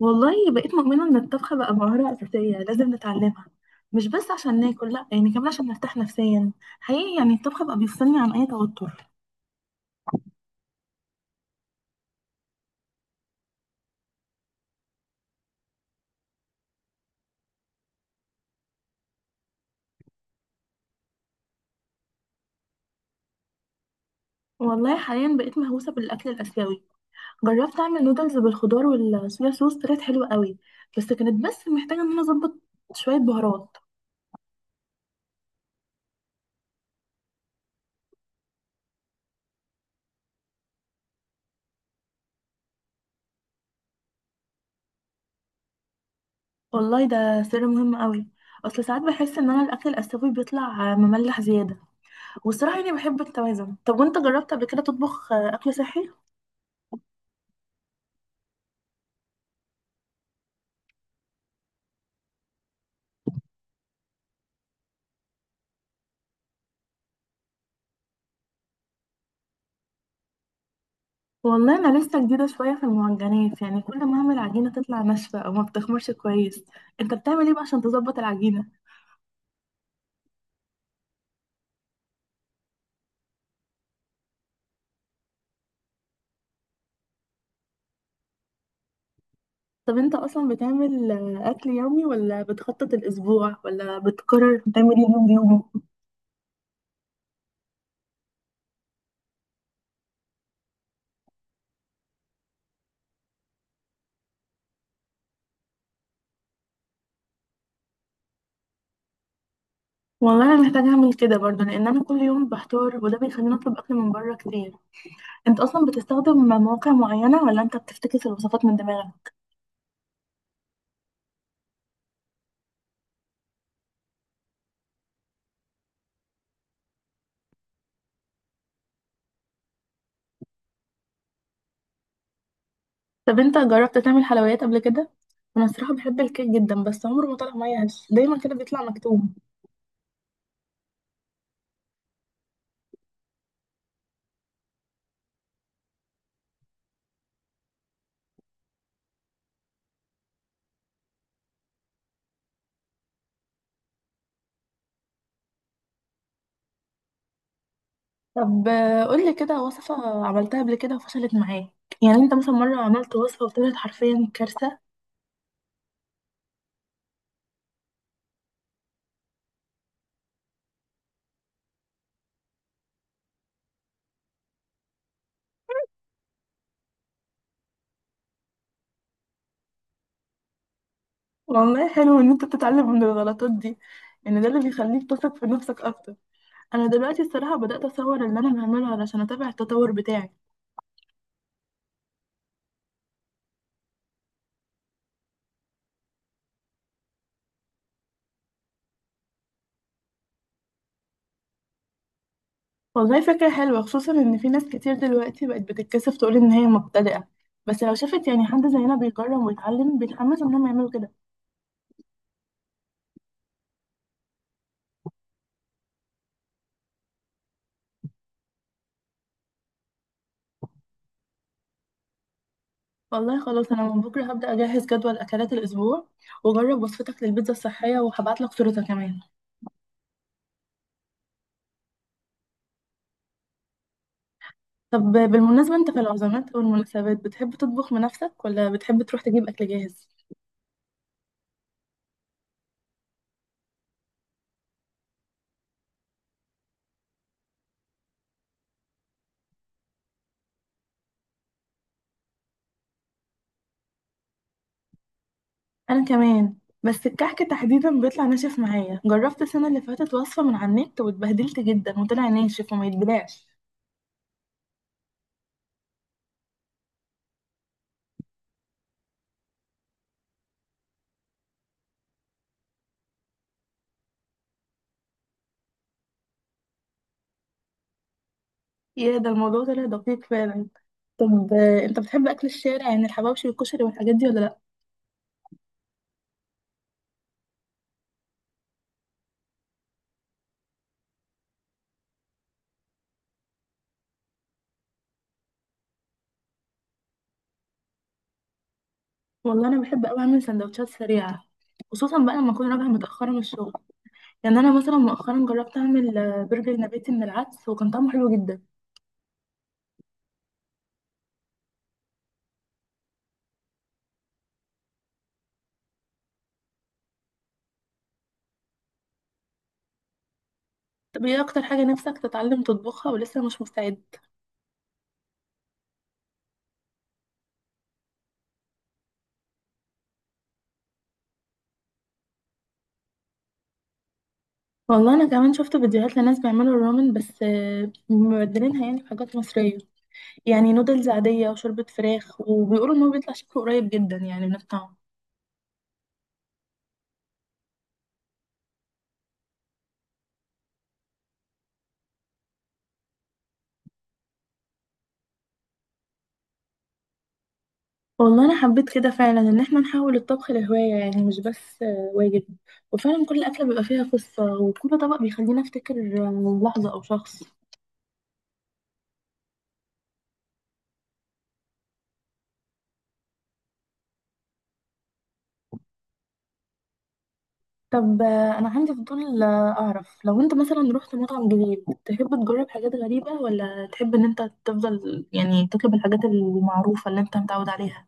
والله بقيت مؤمنة إن الطبخ بقى مهارة أساسية لازم نتعلمها. مش بس عشان ناكل، لأ، يعني كمان عشان نرتاح نفسيا. حقيقي يعني الطبخ بقى بيفصلني عن أي توتر. والله حاليا بقيت مهووسة بالأكل الآسيوي. جربت أعمل نودلز بالخضار والصويا صوص، طلعت حلوة قوي. بس كانت محتاجة إن أنا أظبط شوية بهارات. والله ده سر مهم قوي. أصل ساعات بحس إن أنا الأكل الآسيوي بيطلع مملح زيادة. والصراحة يعني بحب التوازن. طب وأنت جربت قبل كده تطبخ أكل صحي؟ والله انا لسه جديده شويه في المعجنات، يعني كل ما اعمل عجينه تطلع ناشفه او ما بتخمرش كويس. انت بتعمل ايه بقى عشان تظبط العجينه؟ طب انت اصلا بتعمل اكل يومي ولا بتخطط الاسبوع ولا بتقرر بتعمل ايه يوم بيوم؟ والله انا محتاجه اعمل كده برضه، لان انا كل يوم بحتار وده بيخليني اطلب اكل من بره كتير. انت اصلا بتستخدم مواقع معينه ولا انت بتفتكس الوصفات من دماغك؟ طب انت جربت تعمل حلويات قبل كده؟ انا الصراحه بحب الكيك جدا، بس عمره ما طلع معايا هش، دايما كده بيطلع مكتوم. طب قولي كده وصفة عملتها قبل كده وفشلت معاك. يعني انت مثلا مرة عملت وصفة وطلعت حرفيا كارثة؟ والله حلو ان انت بتتعلم من الغلطات دي. ان ده اللي بيخليك تثق في نفسك اكتر. انا دلوقتي الصراحة بدأت اصور اللي انا بعمله علشان اتابع التطور بتاعي. والله فكرة حلوة، خصوصا ان في ناس كتير دلوقتي بقت بتتكسف تقول ان هي مبتدئة. بس لو شافت يعني حد زينا بيجرب ويتعلم بيتحمس انهم يعملوا كده. والله خلاص، انا من بكرة هبدأ اجهز جدول اكلات الاسبوع. وجرب وصفتك للبيتزا الصحية وهبعتلك صورتها كمان. طب بالمناسبة، انت في العزومات والمناسبات بتحب تطبخ بنفسك ولا بتحب تروح تجيب أكل جاهز؟ أنا كمان. بس الكحك تحديدا بيطلع ناشف معايا. جربت السنة اللي فاتت وصفة من على النت واتبهدلت جدا وطلع ناشف وما يتبلعش. يا ده الموضوع طلع دقيق فعلا. طب انت بتحب أكل الشارع، يعني الحواوشي والكشري والحاجات دي ولا لأ؟ والله أنا بحب أوي أعمل سندوتشات سريعة، خصوصا بقى لما أكون راجعة متأخرة من الشغل. يعني أنا مثلا مؤخرا جربت أعمل برجر نباتي من العدس وكان طعمه حلو جدا. طب ايه اكتر حاجة نفسك تتعلم تطبخها ولسه مش مستعد؟ والله انا كمان شفت فيديوهات لناس بيعملوا الرامن، بس مبدلينها يعني بحاجات مصرية. يعني نودلز عادية وشوربة فراخ، وبيقولوا ان هو بيطلع شكله قريب جدا يعني من الطعم. والله انا حبيت كده فعلا ان احنا نحول الطبخ لهواية، يعني مش بس واجب. وفعلا كل اكلة بيبقى فيها قصة، وكل طبق بيخليني افتكر لحظة او شخص. طب انا عندي فضول اعرف لو انت مثلا رحت مطعم جديد تحب تجرب حاجات غريبة، ولا تحب ان انت تفضل يعني تطلب الحاجات المعروفة اللي انت متعود عليها؟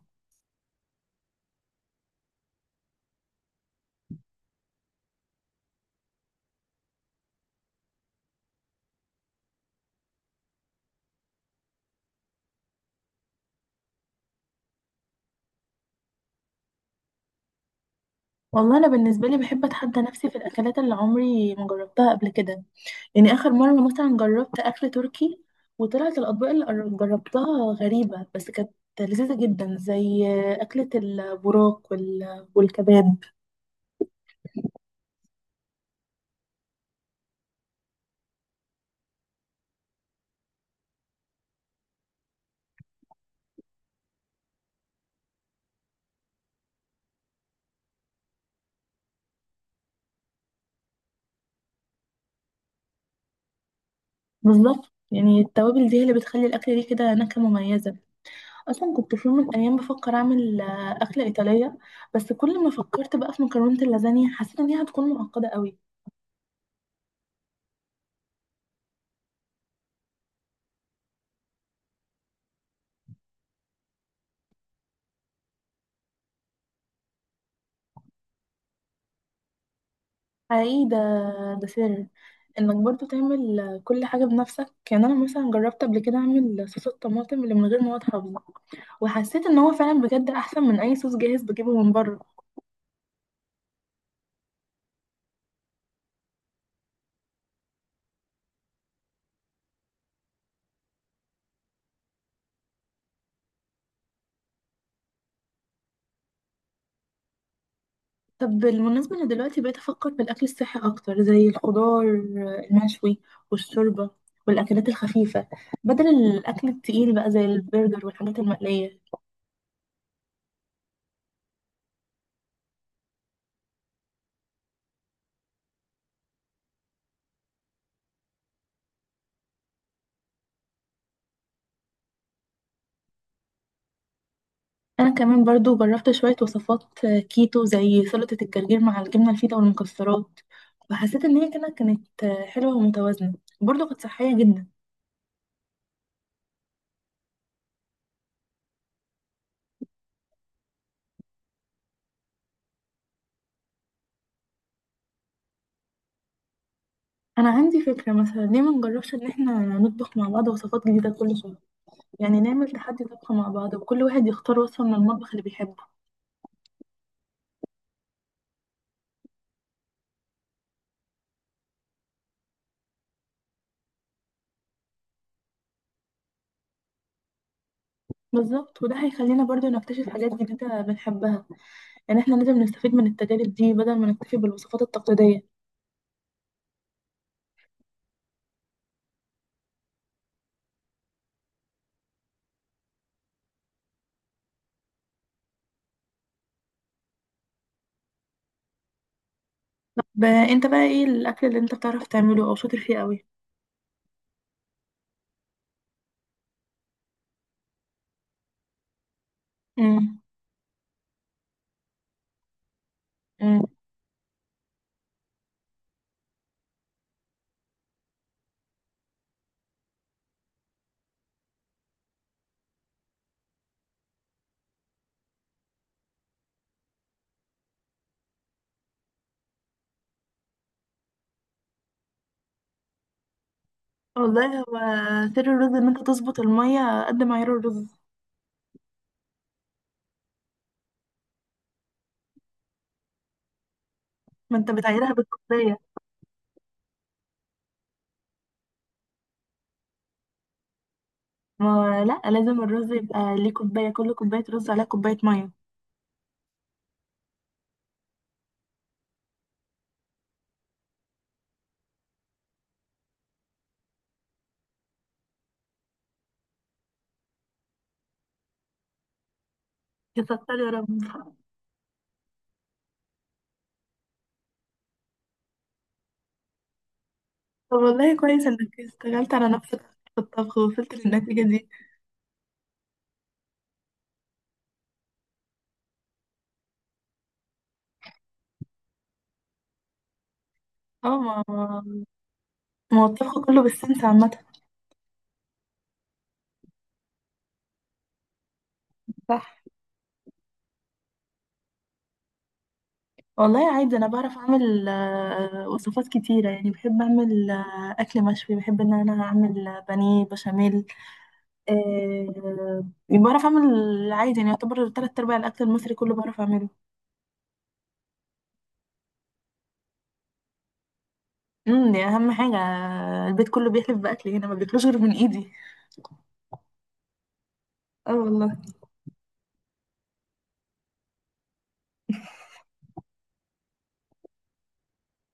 والله انا بالنسبة لي بحب اتحدى نفسي في الاكلات اللي عمري ما جربتها قبل كده. يعني اخر مرة مثلا جربت اكل تركي، وطلعت الاطباق اللي جربتها غريبة بس كانت لذيذة جدا، زي أكلة البراق والكباب. بالظبط، يعني التوابل دي هي اللي بتخلي الأكلة دي كده نكهة مميزة. اصلا كنت في يوم من الايام بفكر اعمل اكله ايطاليه. بس كل ما فكرت بقى في مكرونه اللازانيا حسيت ان هي هتكون معقده قوي. حقيقي ده. ده سر انك برضو تعمل كل حاجه بنفسك. يعني انا مثلا جربت قبل كده اعمل صوص الطماطم اللي من غير مواد حافظه. وحسيت ان هو فعلا بجد احسن من اي صوص جاهز بجيبه من بره. طب بالمناسبه، انا دلوقتي بقيت افكر في الاكل الصحي اكتر، زي الخضار المشوي والشوربه والاكلات الخفيفه، بدل الاكل التقيل بقى زي البرجر والحاجات المقليه. انا كمان برضو جربت شوية وصفات كيتو، زي سلطة الجرجير مع الجبنة الفيتا والمكسرات. وحسيت ان هي كده كانت حلوة ومتوازنة. برضو كانت صحية جدا. انا عندي فكرة، مثلا ليه ما نجربش ان احنا نطبخ مع بعض وصفات جديدة كل شهر؟ يعني نعمل تحدي طبخ مع بعض وكل واحد يختار وصفة من المطبخ اللي بيحبه. بالظبط، وده هيخلينا برضو نكتشف حاجات جديدة بنحبها. يعني احنا لازم نستفيد من التجارب دي بدل ما نكتفي بالوصفات التقليدية. طب انت بقى ايه الاكل اللي انت بتعرف تعمله او شاطر فيه قوي؟ امم والله هو سر الرز ان انت تظبط المية قد معيار الرز. ما انت بتعيرها بالكوباية. ما هو لا، لازم الرز يبقى ليه كوباية. كل كوباية رز عليها كوباية مية. يسطر يا رب. طب والله كويس انك اشتغلت على نفسك في الطبخ ووصلت للنتيجة دي. اه. ما هو الطبخ كله بالسنس عامة. صح. والله عادي انا بعرف اعمل وصفات كتيرة. يعني بحب اعمل اكل مشوي، بحب ان انا اعمل بانيه بشاميل. آه، بعرف اعمل عادي، يعني يعتبر تلات ارباع الاكل المصري كله بعرف اعمله. دي اهم حاجه. البيت كله بيحلف باكل هنا، ما بياكلوش غير من ايدي. اه والله.